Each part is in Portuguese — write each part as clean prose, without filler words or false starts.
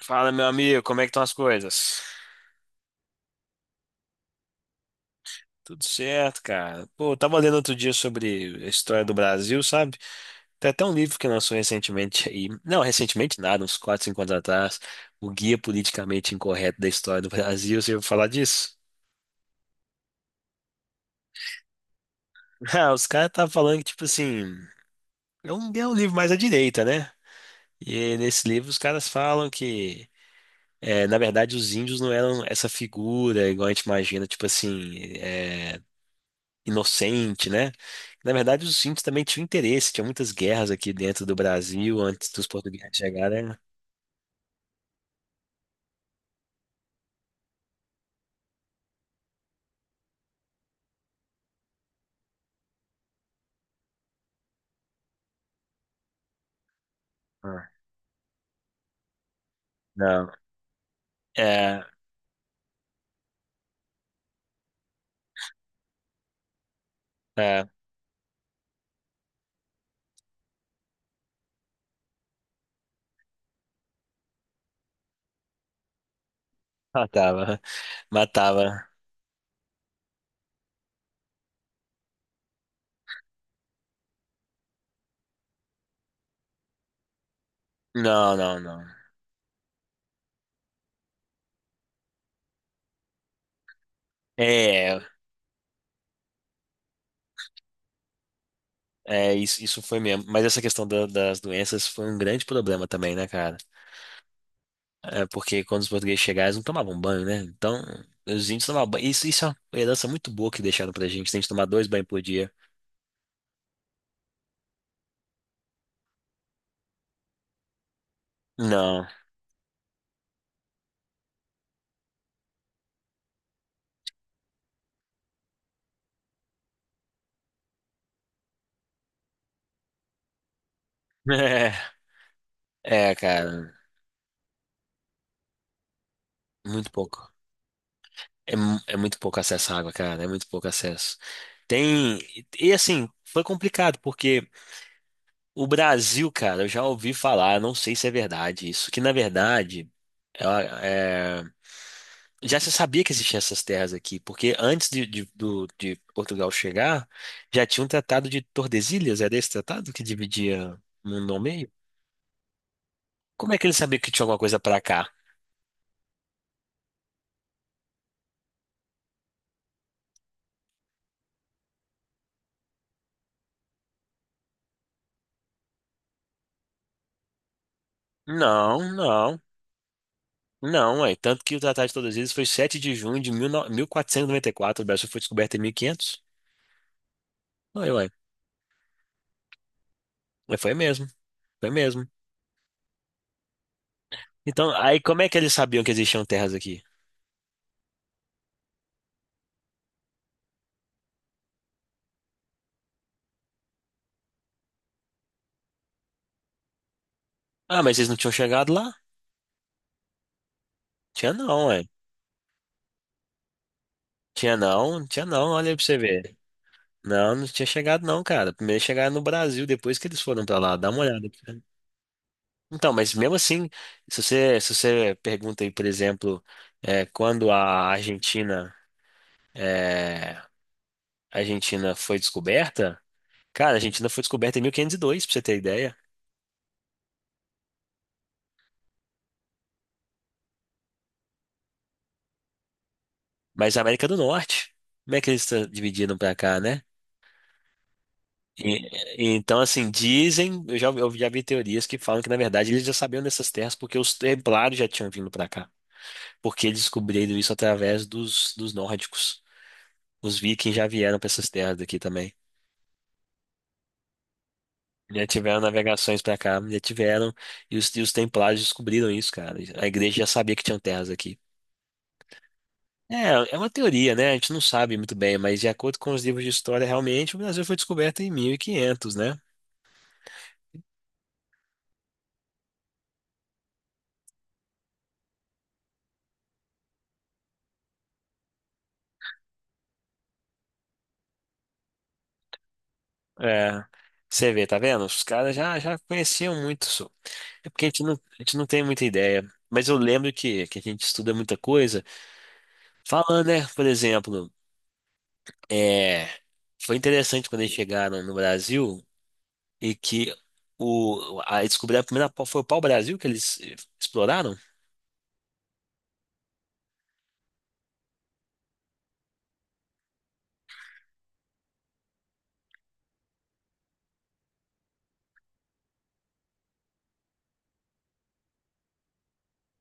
Fala, meu amigo, como é que estão as coisas? Tudo certo, cara. Pô, eu tava lendo outro dia sobre a história do Brasil, sabe? Tem até um livro que lançou recentemente aí. Não, recentemente nada, uns 4 5 anos atrás. O Guia Politicamente Incorreto da História do Brasil. Você ouviu falar disso? Ah, os caras estavam falando que, tipo assim, é um livro mais à direita, né? E nesse livro os caras falam que, na verdade, os índios não eram essa figura igual a gente imagina, tipo assim, inocente, né? Na verdade, os índios também tinham interesse, tinha muitas guerras aqui dentro do Brasil antes dos portugueses chegarem. Ah, não. É, é, matava, matava. Não, não, não. É, é isso, isso foi mesmo. Mas essa questão das doenças foi um grande problema também, né, cara? É porque quando os portugueses chegaram, eles não tomavam banho, né? Então, os índios tomavam banho. Isso é uma herança muito boa que deixaram pra gente. Tem que tomar dois banhos por dia. Não. Cara, muito pouco. É, é muito pouco acesso à água, cara. É muito pouco acesso. Tem. E assim, foi complicado, porque o Brasil, cara, eu já ouvi falar, não sei se é verdade isso, que na verdade. ela- é, já se sabia que existiam essas terras aqui, porque antes de Portugal chegar, já tinha um tratado de Tordesilhas, era esse tratado que dividia o mundo ao meio? Como é que ele sabia que tinha alguma coisa pra cá? Não, não. Não, é tanto que o Tratado de todas as eles foi 7 de junho de 19 1494, o Brasil foi descoberto em 1500. Aí, ué, ué, mas foi mesmo, foi mesmo. Então, aí como é que eles sabiam que existiam terras aqui? Ah, mas eles não tinham chegado lá? Tinha não, ué. Tinha não, olha aí pra você ver. Não, não tinha chegado não, cara. Primeiro chegaram no Brasil, depois que eles foram pra lá, dá uma olhada, cara. Então, mas mesmo assim, se você pergunta aí, por exemplo, quando a Argentina, é, a Argentina foi descoberta, cara, a Argentina foi descoberta em 1502, pra você ter ideia. Mas a América do Norte, como é que eles dividiram pra cá, né? E- e então, assim, dizem, eu já vi teorias que falam que, na verdade, eles já sabiam dessas terras porque os templários já tinham vindo pra cá. Porque eles descobriram isso através dos nórdicos. Os vikings já vieram pra essas terras daqui também. Já tiveram navegações pra cá, já tiveram. E os templários descobriram isso, cara. A igreja já sabia que tinham terras aqui. É, é uma teoria, né? A gente não sabe muito bem, mas de acordo com os livros de história, realmente o Brasil foi descoberto em 1500, né? É, você vê, tá vendo? Já conheciam muito isso. É porque a gente não tem muita ideia. Mas eu lembro que a gente estuda muita coisa. Falando, né? Por exemplo, é, foi interessante quando eles chegaram no Brasil e que descobriram a primeira, foi o pau-brasil que eles exploraram.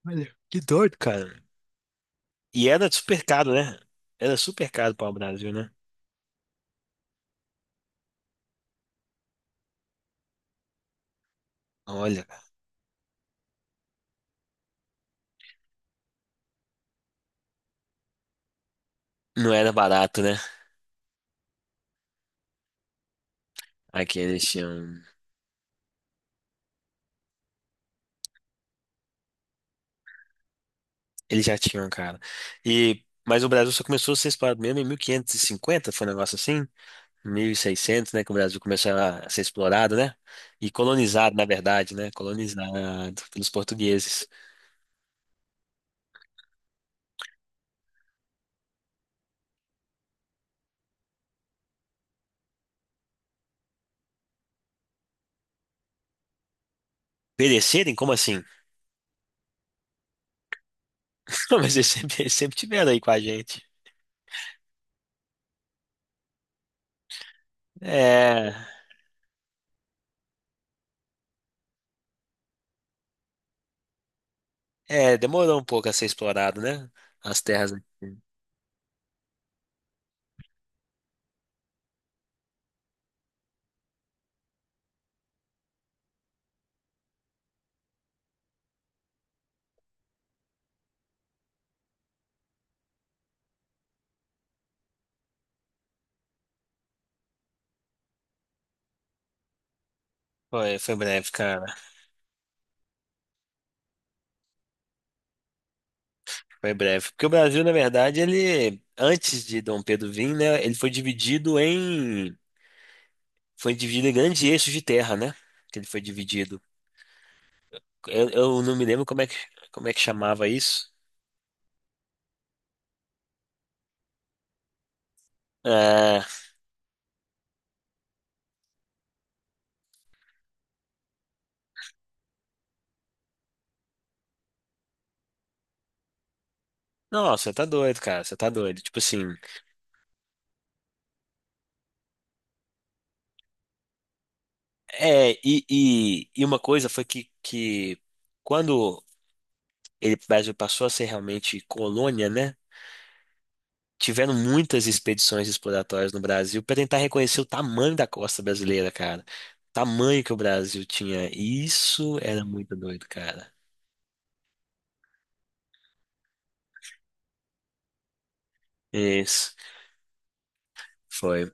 Olha, que doido, cara. E era super caro, né? Era super caro para o Brasil, né? Olha, não era barato, né? Aqui eles tinham. Eles já tinham, cara. E... mas o Brasil só começou a ser explorado mesmo em 1550, foi um negócio assim? 1600, né? Que o Brasil começou a ser explorado, né? E colonizado, na verdade, né? Colonizado pelos portugueses. Perecerem? Como assim? Não, mas eles sempre tiveram aí com a gente. É. É, demorou um pouco a ser explorado, né? As terras aqui. Foi, foi breve, cara. Foi breve. Porque o Brasil, na verdade, ele, antes de Dom Pedro vir, né, ele foi dividido em grandes eixos de terra, né? Que ele foi dividido. Eu não me lembro como é que chamava isso. É, não, você tá doido, cara, você tá doido. Tipo assim, e uma coisa foi que quando ele, o Brasil passou a ser realmente colônia, né, tiveram muitas expedições exploratórias no Brasil para tentar reconhecer o tamanho da costa brasileira, cara, tamanho que o Brasil tinha. Isso era muito doido, cara. Isso. Foi.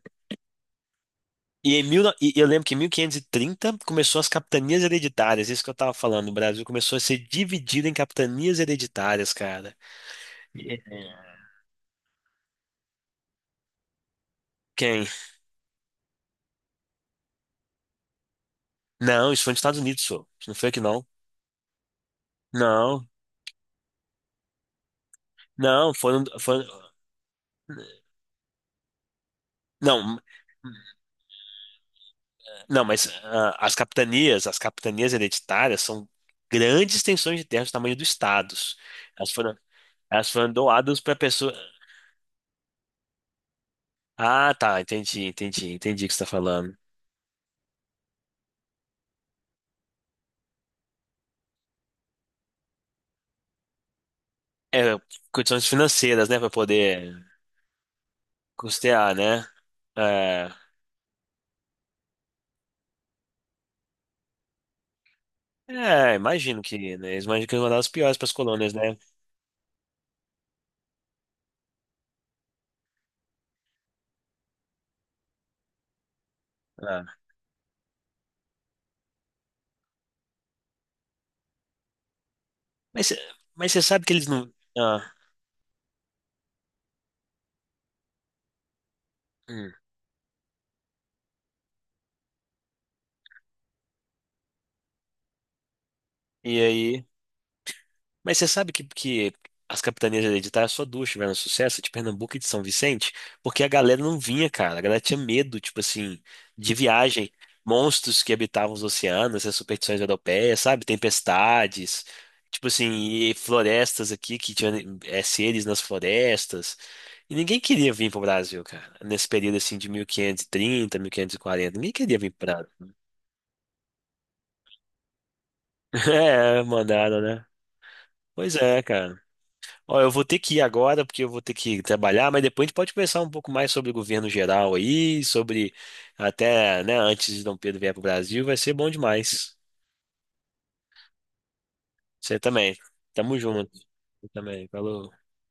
E, em mil, e eu lembro que em 1530 começou as capitanias hereditárias, isso que eu tava falando. O Brasil começou a ser dividido em capitanias hereditárias, cara. É. Quem? Não, isso foi nos Estados Unidos, só. Isso não foi aqui, não. Não, não, foram, foram. Não, não, mas ah, as capitanias hereditárias são grandes extensões de terra do tamanho dos estados. Elas foram, elas foram doadas para pessoa. Ah, tá, entendi, entendi, entendi o que você está falando. É, condições financeiras, né, para poder custear, né? É, é, imagino que, né, eles imaginam que é uma das piores para as colônias, né? Ah, mas, mas você sabe que eles não. Ah, hum, e aí? Mas você sabe que as capitanias hereditárias só duas tiveram sucesso, de Pernambuco e de São Vicente, porque a galera não vinha, cara. A galera tinha medo, tipo assim, de viagem. Monstros que habitavam os oceanos, as superstições europeias, sabe? Tempestades, tipo assim, e florestas aqui que tinham seres nas florestas. E ninguém queria vir pro Brasil, cara. Nesse período assim de 1530, 1540, ninguém queria vir pro Brasil. É, mandaram, né? Pois é, cara. Ó, eu vou ter que ir agora, porque eu vou ter que trabalhar, mas depois a gente pode conversar um pouco mais sobre o governo geral aí, sobre até, né, antes de Dom Pedro vier para o Brasil, vai ser bom demais. Você também. Tamo junto. Você também. Falou.